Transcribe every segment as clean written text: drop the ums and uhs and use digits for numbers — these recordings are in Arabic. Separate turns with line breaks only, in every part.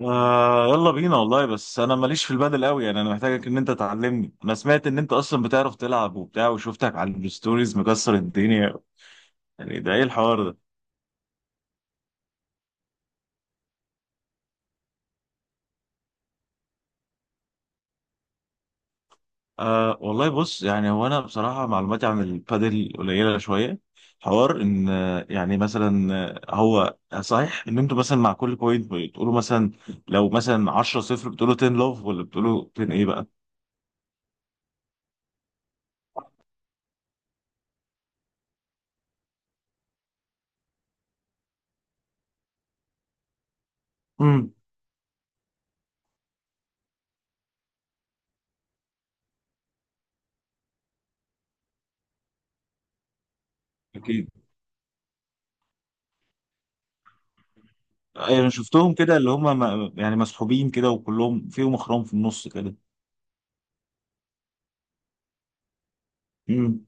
آه يلا بينا والله، بس انا ماليش في البادل قوي. يعني انا محتاجك ان انت تعلمني. انا سمعت ان انت اصلا بتعرف تلعب وبتاع، وشفتك على الستوريز مكسر الدنيا. يعني ده ايه الحوار ده؟ آه والله، بص يعني هو انا بصراحة معلوماتي عن البادل قليلة شوية. حوار ان يعني مثلا، هو صحيح ان انتوا مثلا مع كل بوينت بتقولوا مثلا لو مثلا 10 صفر بتقولوا 10 لوف، ولا بتقولوا 10 ايه بقى؟ امم. أكيد. انا شفتهم كده، اللي هم يعني مسحوبين كده وكلهم فيهم اخرام في النص كده. امم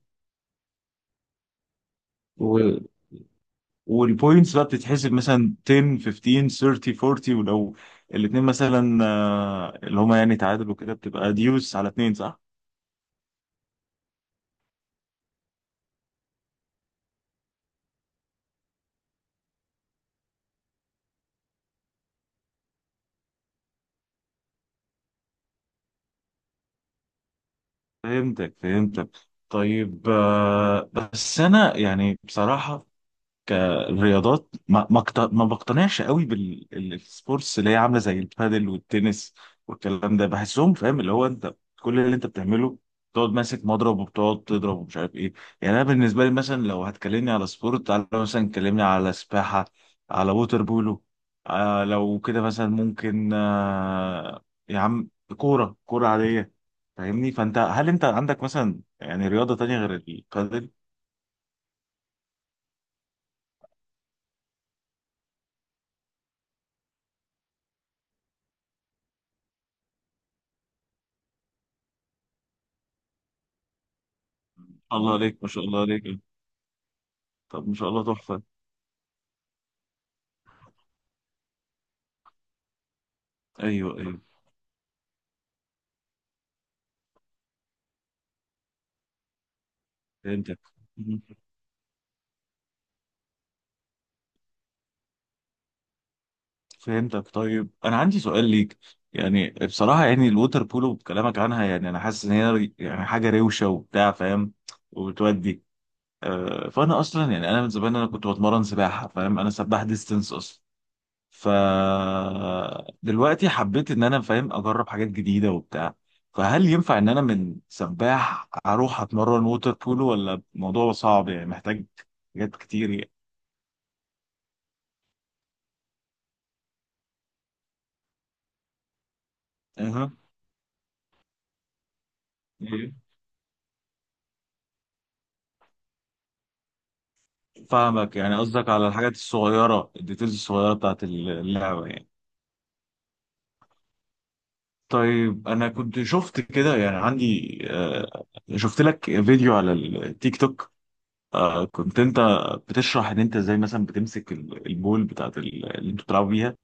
و... والبوينتس بقى بتتحسب مثلا 10، 15، 30، 40، ولو الاثنين مثلا اللي هم يعني تعادلوا كده، بتبقى ديوس على اثنين، صح؟ فهمتك، فهمتك. طيب بس انا يعني بصراحة، الرياضات ما بقتنعش قوي بالسبورتس اللي هي عامله زي البادل والتنس والكلام ده. بحسهم فاهم، اللي هو انت كل اللي انت بتعمله بتقعد ماسك مضرب وبتقعد تضرب ومش عارف ايه. يعني انا بالنسبه لي مثلا، لو هتكلمني على سبورت، تعالى مثلا كلمني على سباحه، على ووتر بولو. آه لو كده مثلا ممكن، يا عم كوره كوره عاديه. فاهمني؟ فانت هل انت عندك مثلا يعني رياضه تانية غير البادل؟ ما شاء الله عليك، ما شاء الله عليك. طب ما شاء الله، تحفة. ايوه، ايوه. فهمتك مم. فهمتك. طيب انا عندي سؤال ليك، يعني بصراحة يعني الووتر بولو بكلامك عنها، يعني انا حاسس ان هي يعني حاجة روشة وبتاع فاهم، وبتودي. فانا اصلا يعني انا من زمان انا كنت بتمرن سباحة فاهم، انا سباح ديستنس اصلا. ف دلوقتي حبيت ان انا فاهم اجرب حاجات جديدة وبتاع. فهل ينفع ان انا من سباح اروح اتمرن ووتر بولو، ولا الموضوع صعب يعني محتاج حاجات كتير يعني؟ اها. إيه. فاهمك، يعني قصدك على الحاجات الصغيرة، الديتيلز الصغيرة بتاعت اللعبة يعني. طيب أنا كنت شفت كده، يعني عندي شفت لك فيديو على التيك توك. كنت أنت بتشرح إن أنت إزاي مثلا بتمسك البول بتاعت اللي أنتوا بتلعبوا بيها.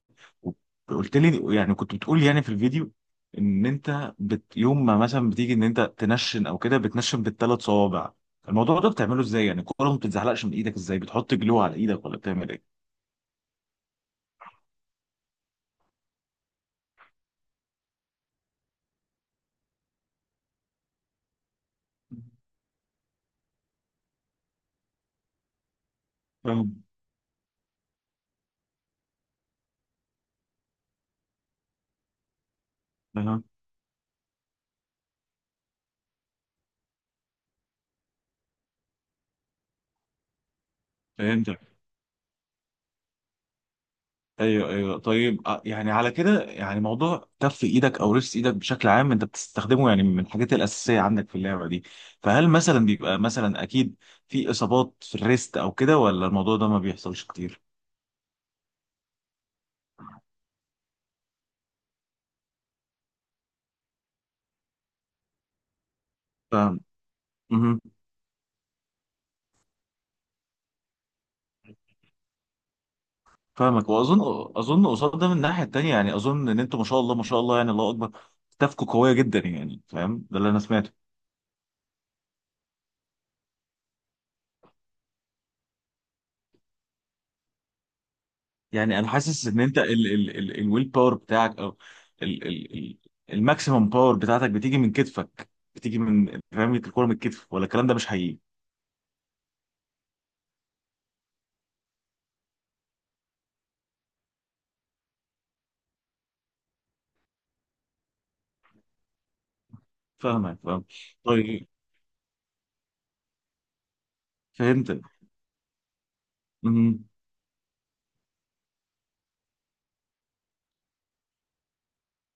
وقلت لي، يعني كنت بتقول يعني في الفيديو، إن أنت يوم ما مثلا بتيجي إن أنت تنشن أو كده، بتنشن بالثلاث صوابع. الموضوع ده بتعمله إزاي؟ يعني الكورة ما بتتزحلقش من إيدك إزاي؟ بتحط جلو على إيدك ولا بتعمل إيه؟ فاهم. أها. فهمتك. ايوه، ايوه. طيب يعني على كده يعني موضوع كف ايدك او ريست ايدك بشكل عام انت بتستخدمه يعني من الحاجات الاساسيه عندك في اللعبه دي. فهل مثلا بيبقى مثلا، اكيد، في اصابات في الريست او كده، ولا الموضوع ده ما بيحصلش كتير؟ فاهم. مهم. فاهمك، واظن قصاد ده من الناحيه التانيه، يعني اظن ان انتوا ما شاء الله، ما شاء الله، يعني الله اكبر، ستافكوا قويه جدا يعني فاهم، ده اللي انا سمعته. يعني انا حاسس ان انت ال ال ال الويل باور بتاعك، او ال ال ال الماكسيمم باور بتاعتك بتيجي من كتفك، بتيجي من فاهم الكوره من الكتف، ولا الكلام ده مش حقيقي؟ فاهمك، فاهم. طيب فهمت.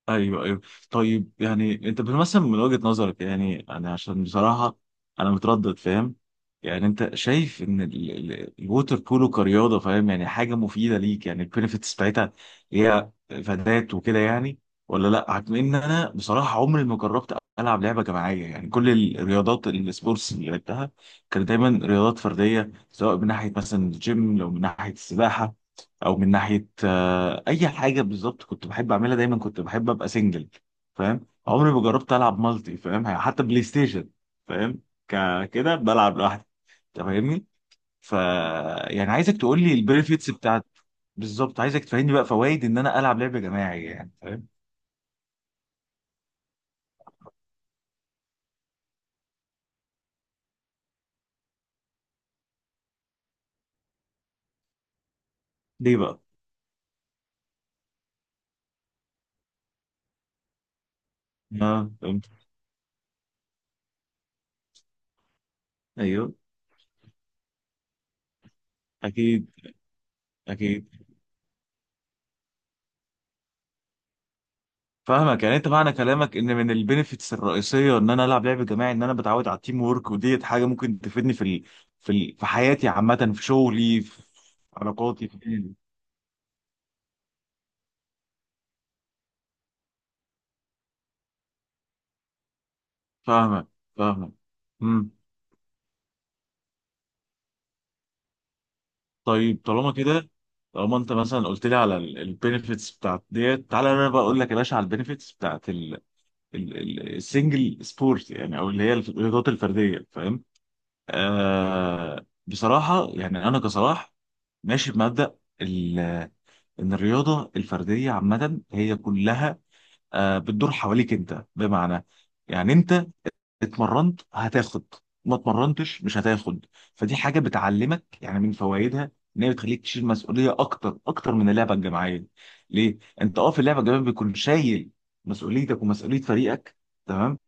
ايوه، ايوه. طيب يعني انت بتمثل من وجهة نظرك، يعني انا عشان بصراحة انا متردد فاهم، يعني انت شايف ان الووتر بولو كرياضة فاهم، يعني حاجة مفيدة ليك، يعني البينفيتس بتاعتها هي فادات وكده يعني، ولا لا عكم ان انا بصراحة عمري ما جربت العب لعبة جماعية؟ يعني كل الرياضات، السبورتس اللي لعبتها كانت دايما رياضات فردية، سواء من ناحية مثلا الجيم، لو من ناحية السباحة، او من ناحيه اي حاجه بالظبط، كنت بحب اعملها دايما، كنت بحب ابقى سنجل فاهم، عمري ما جربت العب مالتي فاهم، يعني حتى بلاي ستيشن فاهم، كده بلعب لوحدي. انت فاهمني؟ ف يعني عايزك تقول لي البنفيتس بتاعت، بالظبط عايزك تفهمني بقى فوائد ان انا العب لعبه جماعيه يعني فاهم. ليه بقى؟ اه فهمت. ايوه. اكيد، اكيد. فاهمك، يعني انت معنى كلامك ان من البينيفيتس الرئيسيه ان انا العب لعب جماعي ان انا بتعود على التيم وورك، وديت حاجه ممكن تفيدني في في حياتي عامه، في شغلي، في علاقاتي، في... فاهمك، فاهمك. امم. طيب، طالما كده، طالما انت مثلا قلت لي على البينيفيتس بتاعت ديت، تعالى انا بقى اقول لك يا باشا على البينيفيتس بتاعت السنجل سبورت، يعني او اللي هي الرياضات الفرديه فاهم. آه بصراحه يعني انا كصلاح ماشي بمبدا ان الرياضه الفرديه عامه هي كلها، بتدور حواليك انت، بمعنى يعني انت اتمرنت هتاخد، ما اتمرنتش مش هتاخد. فدي حاجه بتعلمك يعني، من فوائدها ان هي بتخليك تشيل مسؤوليه اكتر اكتر من اللعبه الجماعيه. ليه؟ انت في اللعبه الجماعيه بيكون شايل مسؤوليتك ومسؤوليه فريقك، تمام؟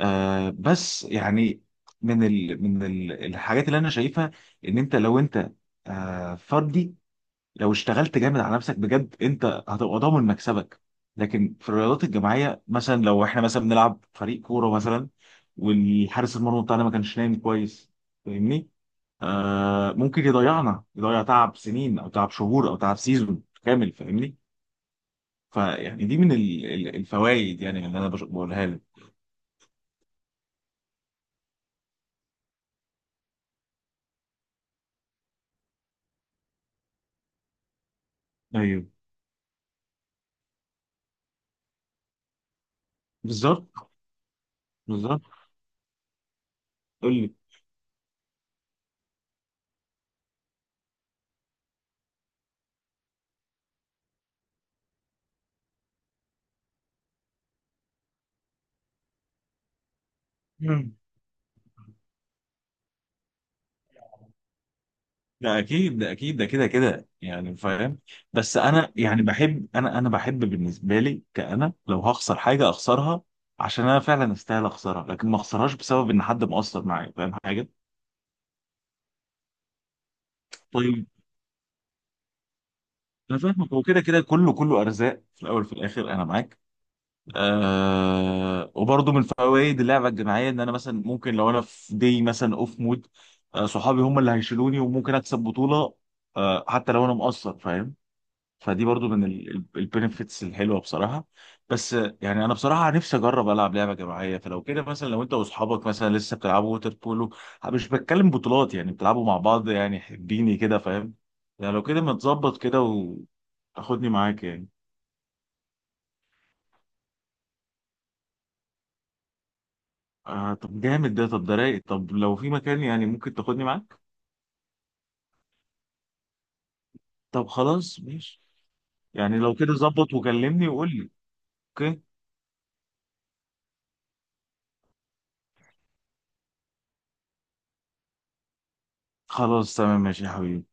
بس يعني من الحاجات اللي انا شايفها، ان انت لو انت فردي، لو اشتغلت جامد على نفسك بجد، انت هتبقى ضامن مكسبك. لكن في الرياضات الجماعيه مثلا، لو احنا مثلا بنلعب فريق كوره مثلا، والحارس المرمى بتاعنا ما كانش نايم كويس، فاهمني؟ ممكن يضيعنا، يضيع تعب سنين او تعب شهور او تعب سيزون كامل، فاهمني؟ فيعني دي من الفوائد يعني اللي انا بقولها لك. ايوه، بالظبط، بالظبط. قول لي. مم. ده اكيد، ده اكيد، ده كده كده يعني فاهم. بس انا يعني بحب، انا بحب بالنسبه لي كأنا، لو هخسر حاجه اخسرها عشان انا فعلا استاهل اخسرها، لكن ما اخسرهاش بسبب ان حد مقصر معايا فاهم حاجه. طيب. انا فاهمك، هو كده كده، كله كله ارزاق في الاول وفي الاخر، انا معاك. وبرضه من فوائد اللعبه الجماعيه ان انا مثلا ممكن لو انا في دي مثلا اوف مود، صحابي هم اللي هيشيلوني وممكن اكسب بطوله، حتى لو انا مقصر فاهم. فدي برضو من البنفيتس الحلوه بصراحه. بس يعني انا بصراحه نفسي اجرب العب لعبه جماعيه، فلو كده مثلا، لو انت واصحابك مثلا لسه بتلعبوا ووتر بولو، مش بتكلم بطولات يعني، بتلعبوا مع بعض يعني، حبيني كده فاهم، يعني لو كده متظبط كده وتاخدني معاك يعني. آه طب جامد ده، طب ده رايق. طب لو في مكان يعني ممكن تاخدني معاك. طب خلاص ماشي. يعني لو كده ظبط وكلمني وقول لي. اوكي. خلاص، تمام، ماشي يا حبيبي.